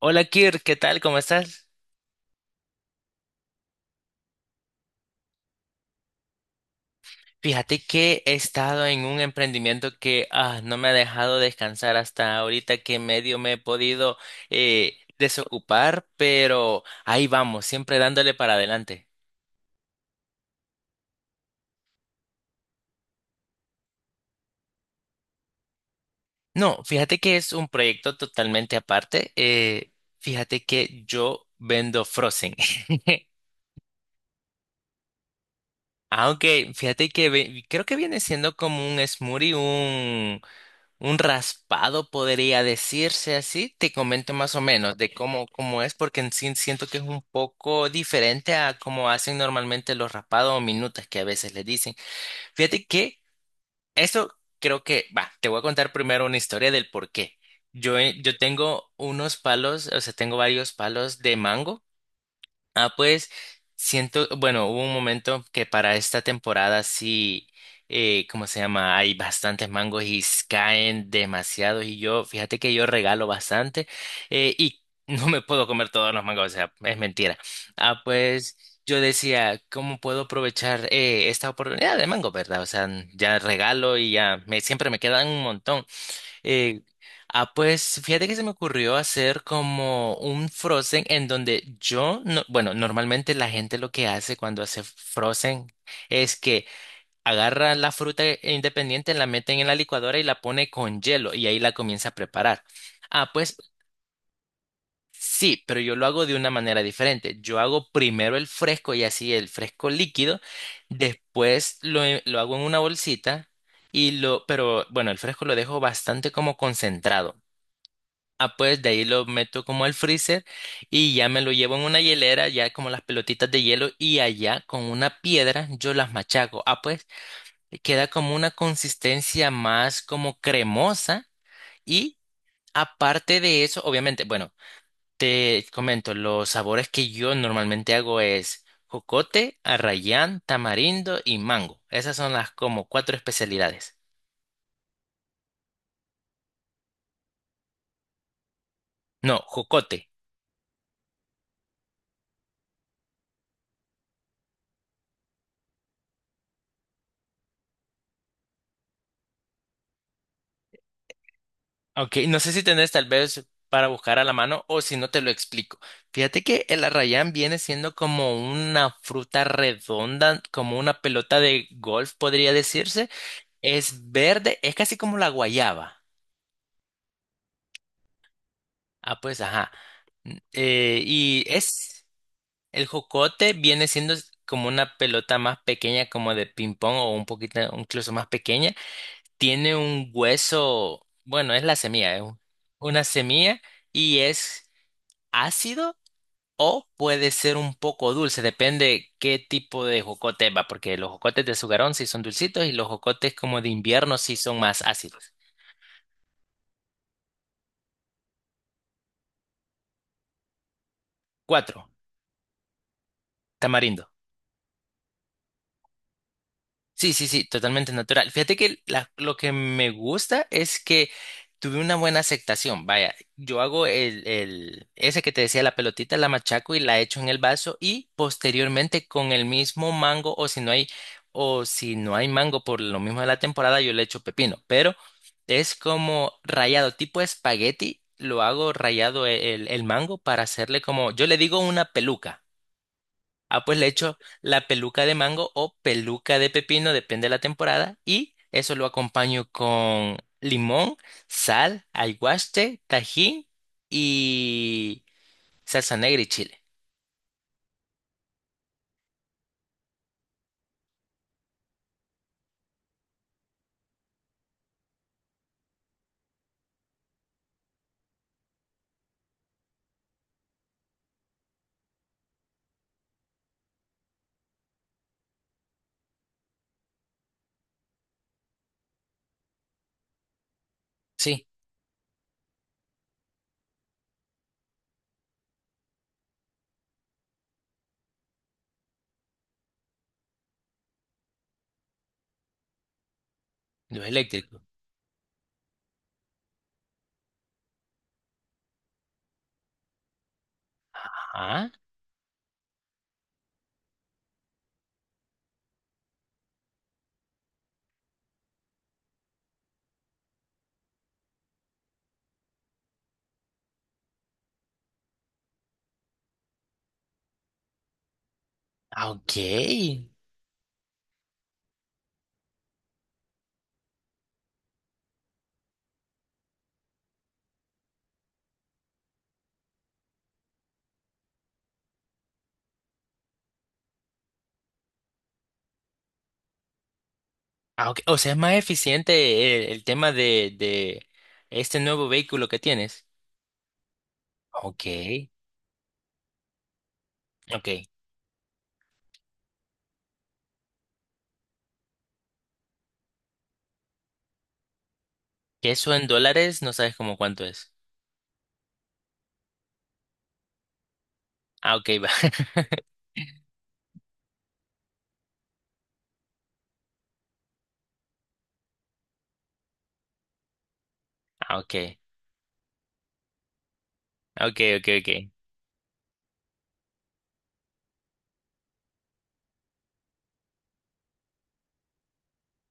Hola Kir, ¿qué tal? ¿Cómo estás? Fíjate que he estado en un emprendimiento que no me ha dejado descansar hasta ahorita que medio me he podido desocupar, pero ahí vamos, siempre dándole para adelante. No, fíjate que es un proyecto totalmente aparte. Fíjate que yo vendo frozen. Aunque fíjate que creo que viene siendo como un smoothie, un raspado podría decirse así. Te comento más o menos de cómo es, porque en sí siento que es un poco diferente a cómo hacen normalmente los raspados o minutas que a veces les dicen. Fíjate que eso creo que, va, te voy a contar primero una historia del por qué. Yo, yo tengo unos palos, o sea, tengo varios palos de mango. Ah, pues siento, bueno, hubo un momento que para esta temporada sí, ¿cómo se llama? Hay bastantes mangos y caen demasiados y yo, fíjate que yo regalo bastante y no me puedo comer todos los mangos, o sea, es mentira. Ah, pues yo decía, ¿cómo puedo aprovechar esta oportunidad de mango, verdad? O sea, ya regalo y ya me, siempre me quedan un montón. Eh, ah, pues fíjate que se me ocurrió hacer como un Frozen en donde yo, no, bueno, normalmente la gente lo que hace cuando hace Frozen es que agarra la fruta independiente, la meten en la licuadora y la pone con hielo y ahí la comienza a preparar. Ah, pues sí, pero yo lo hago de una manera diferente. Yo hago primero el fresco y así el fresco líquido, después lo hago en una bolsita y lo, pero bueno, el fresco lo dejo bastante como concentrado. Ah, pues de ahí lo meto como al freezer y ya me lo llevo en una hielera, ya como las pelotitas de hielo y allá con una piedra yo las machaco. Ah, pues queda como una consistencia más como cremosa y aparte de eso, obviamente, bueno, te comento, los sabores que yo normalmente hago es jocote, arrayán, tamarindo y mango. Esas son las como cuatro especialidades. No, jocote. Ok, no sé si tenés tal vez para buscar a la mano o si no te lo explico. Fíjate que el arrayán viene siendo como una fruta redonda, como una pelota de golf, podría decirse. Es verde, es casi como la guayaba. Ah, pues ajá. N- y es El jocote, viene siendo como una pelota más pequeña, como de ping-pong o un poquito, incluso más pequeña. Tiene un hueso, bueno, es la semilla, una semilla y es ácido. O puede ser un poco dulce, depende qué tipo de jocote va, porque los jocotes de sugarón sí son dulcitos y los jocotes como de invierno sí son más ácidos. Cuatro, tamarindo. Sí, sí, sí, totalmente natural. Fíjate que lo que me gusta es que tuve una buena aceptación. Vaya, yo hago ese que te decía, la pelotita, la machaco y la echo en el vaso y posteriormente con el mismo mango o si no hay, o si no hay mango por lo mismo de la temporada, yo le echo pepino. Pero es como rayado, tipo espagueti, lo hago rayado el mango para hacerle como, yo le digo una peluca. Ah, pues le echo la peluca de mango o peluca de pepino, depende de la temporada. Y eso lo acompaño con limón, sal, aguaste, tajín y salsa negra y chile. Sí, lo eléctrico. Ah, ah, ok. Ah, ok. O sea, es más eficiente el tema de este nuevo vehículo que tienes. Ok, ok. Que eso en dólares no sabes como cuánto es. Ah, ok, va. Ah, ok.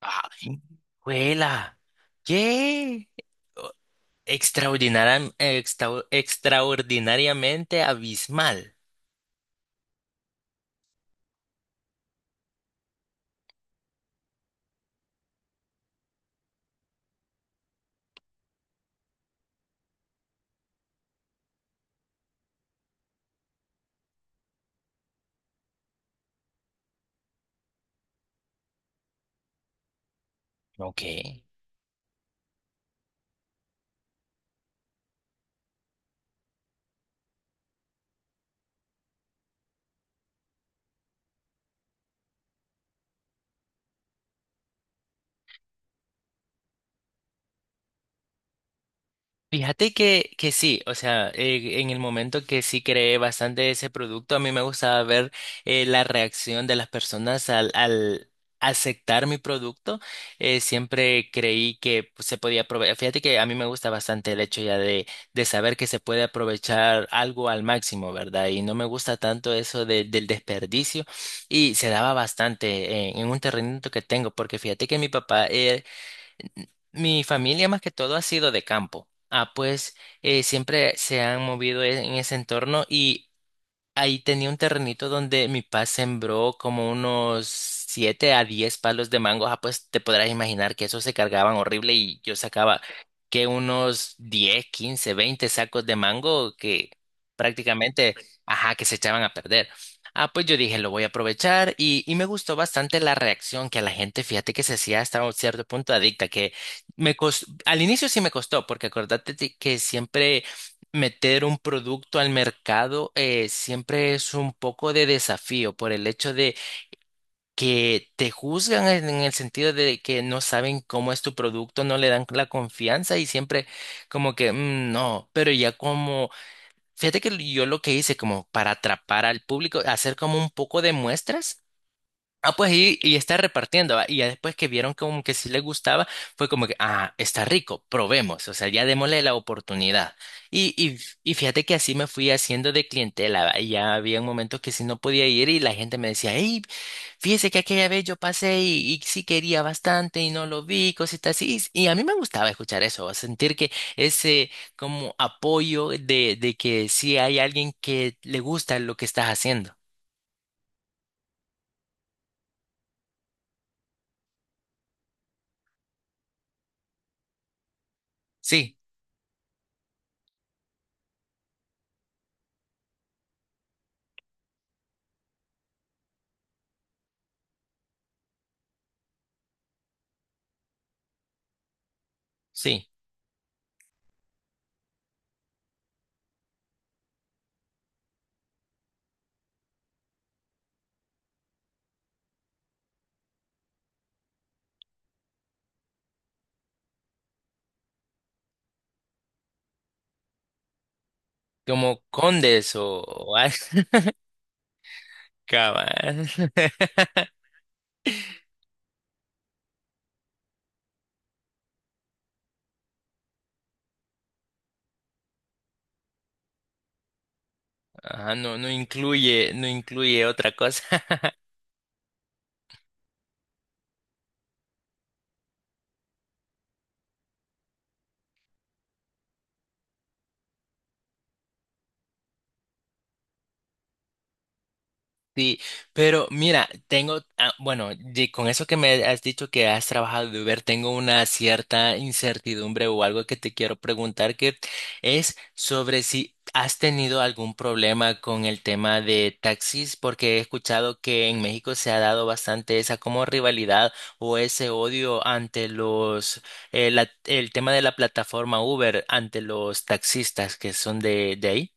Ay, ¡juela! ¡Qué! O- extraordinariamente abismal. Ok. Fíjate que sí, o sea, en el momento que sí creé bastante ese producto, a mí me gustaba ver la reacción de las personas al aceptar mi producto. Siempre creí que pues, se podía aprovechar. Fíjate que a mí me gusta bastante el hecho ya de saber que se puede aprovechar algo al máximo, ¿verdad? Y no me gusta tanto eso del desperdicio y se daba bastante en un terrenito que tengo, porque fíjate que mi papá... mi familia más que todo ha sido de campo. Ah, pues siempre se han movido en ese entorno y ahí tenía un terrenito donde mi papá sembró como unos 7 a 10 palos de mango. Ah, pues te podrás imaginar que esos se cargaban horrible y yo sacaba que unos 10, 15, 20 sacos de mango que prácticamente, ajá, que se echaban a perder. Ah, pues yo dije, lo voy a aprovechar y me gustó bastante la reacción que a la gente, fíjate que se hacía hasta un cierto punto adicta, que al inicio sí me costó, porque acordate de que siempre meter un producto al mercado siempre es un poco de desafío por el hecho de que te juzgan en el sentido de que no saben cómo es tu producto, no le dan la confianza y siempre como que "Mm, no, pero ya como, fíjate que yo lo que hice como para atrapar al público, hacer como un poco de muestras. Ah, pues y está repartiendo, ¿va? Y ya después que vieron como que sí le gustaba, fue como que, ah, está rico, probemos, o sea, ya démosle la oportunidad. Y, y, y fíjate que así me fui haciendo de clientela, ¿va? Y ya había momentos que sí no podía ir y la gente me decía, hey, fíjese que aquella vez yo pasé y sí quería bastante y no lo vi, cositas así. Y a mí me gustaba escuchar eso, ¿va? Sentir que ese como apoyo de que sí hay alguien que le gusta lo que estás haciendo. Sí, sí. Como condes o algo. Cabal. Ajá, no, no incluye, no incluye otra cosa. Sí, pero mira, tengo, ah, bueno, de- con eso que me has dicho que has trabajado de Uber, tengo una cierta incertidumbre o algo que te quiero preguntar que es sobre si has tenido algún problema con el tema de taxis, porque he escuchado que en México se ha dado bastante esa como rivalidad o ese odio ante los, el tema de la plataforma Uber, ante los taxistas que son de ahí.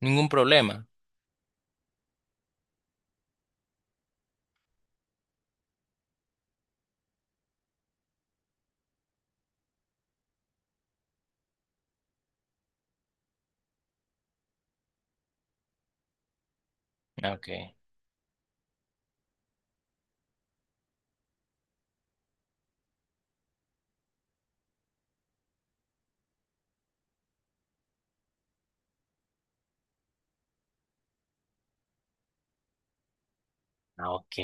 Ningún problema. Ah, okay, ah, ok.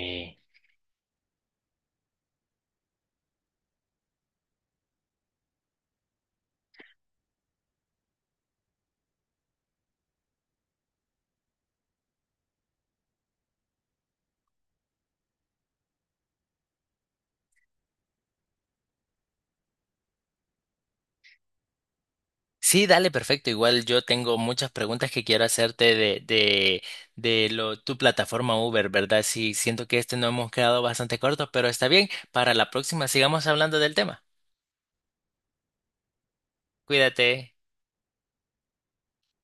Sí, dale, perfecto. Igual yo tengo muchas preguntas que quiero hacerte de lo, tu plataforma Uber, ¿verdad? Sí, siento que este no hemos quedado bastante corto, pero está bien. Para la próxima sigamos hablando del tema. Cuídate.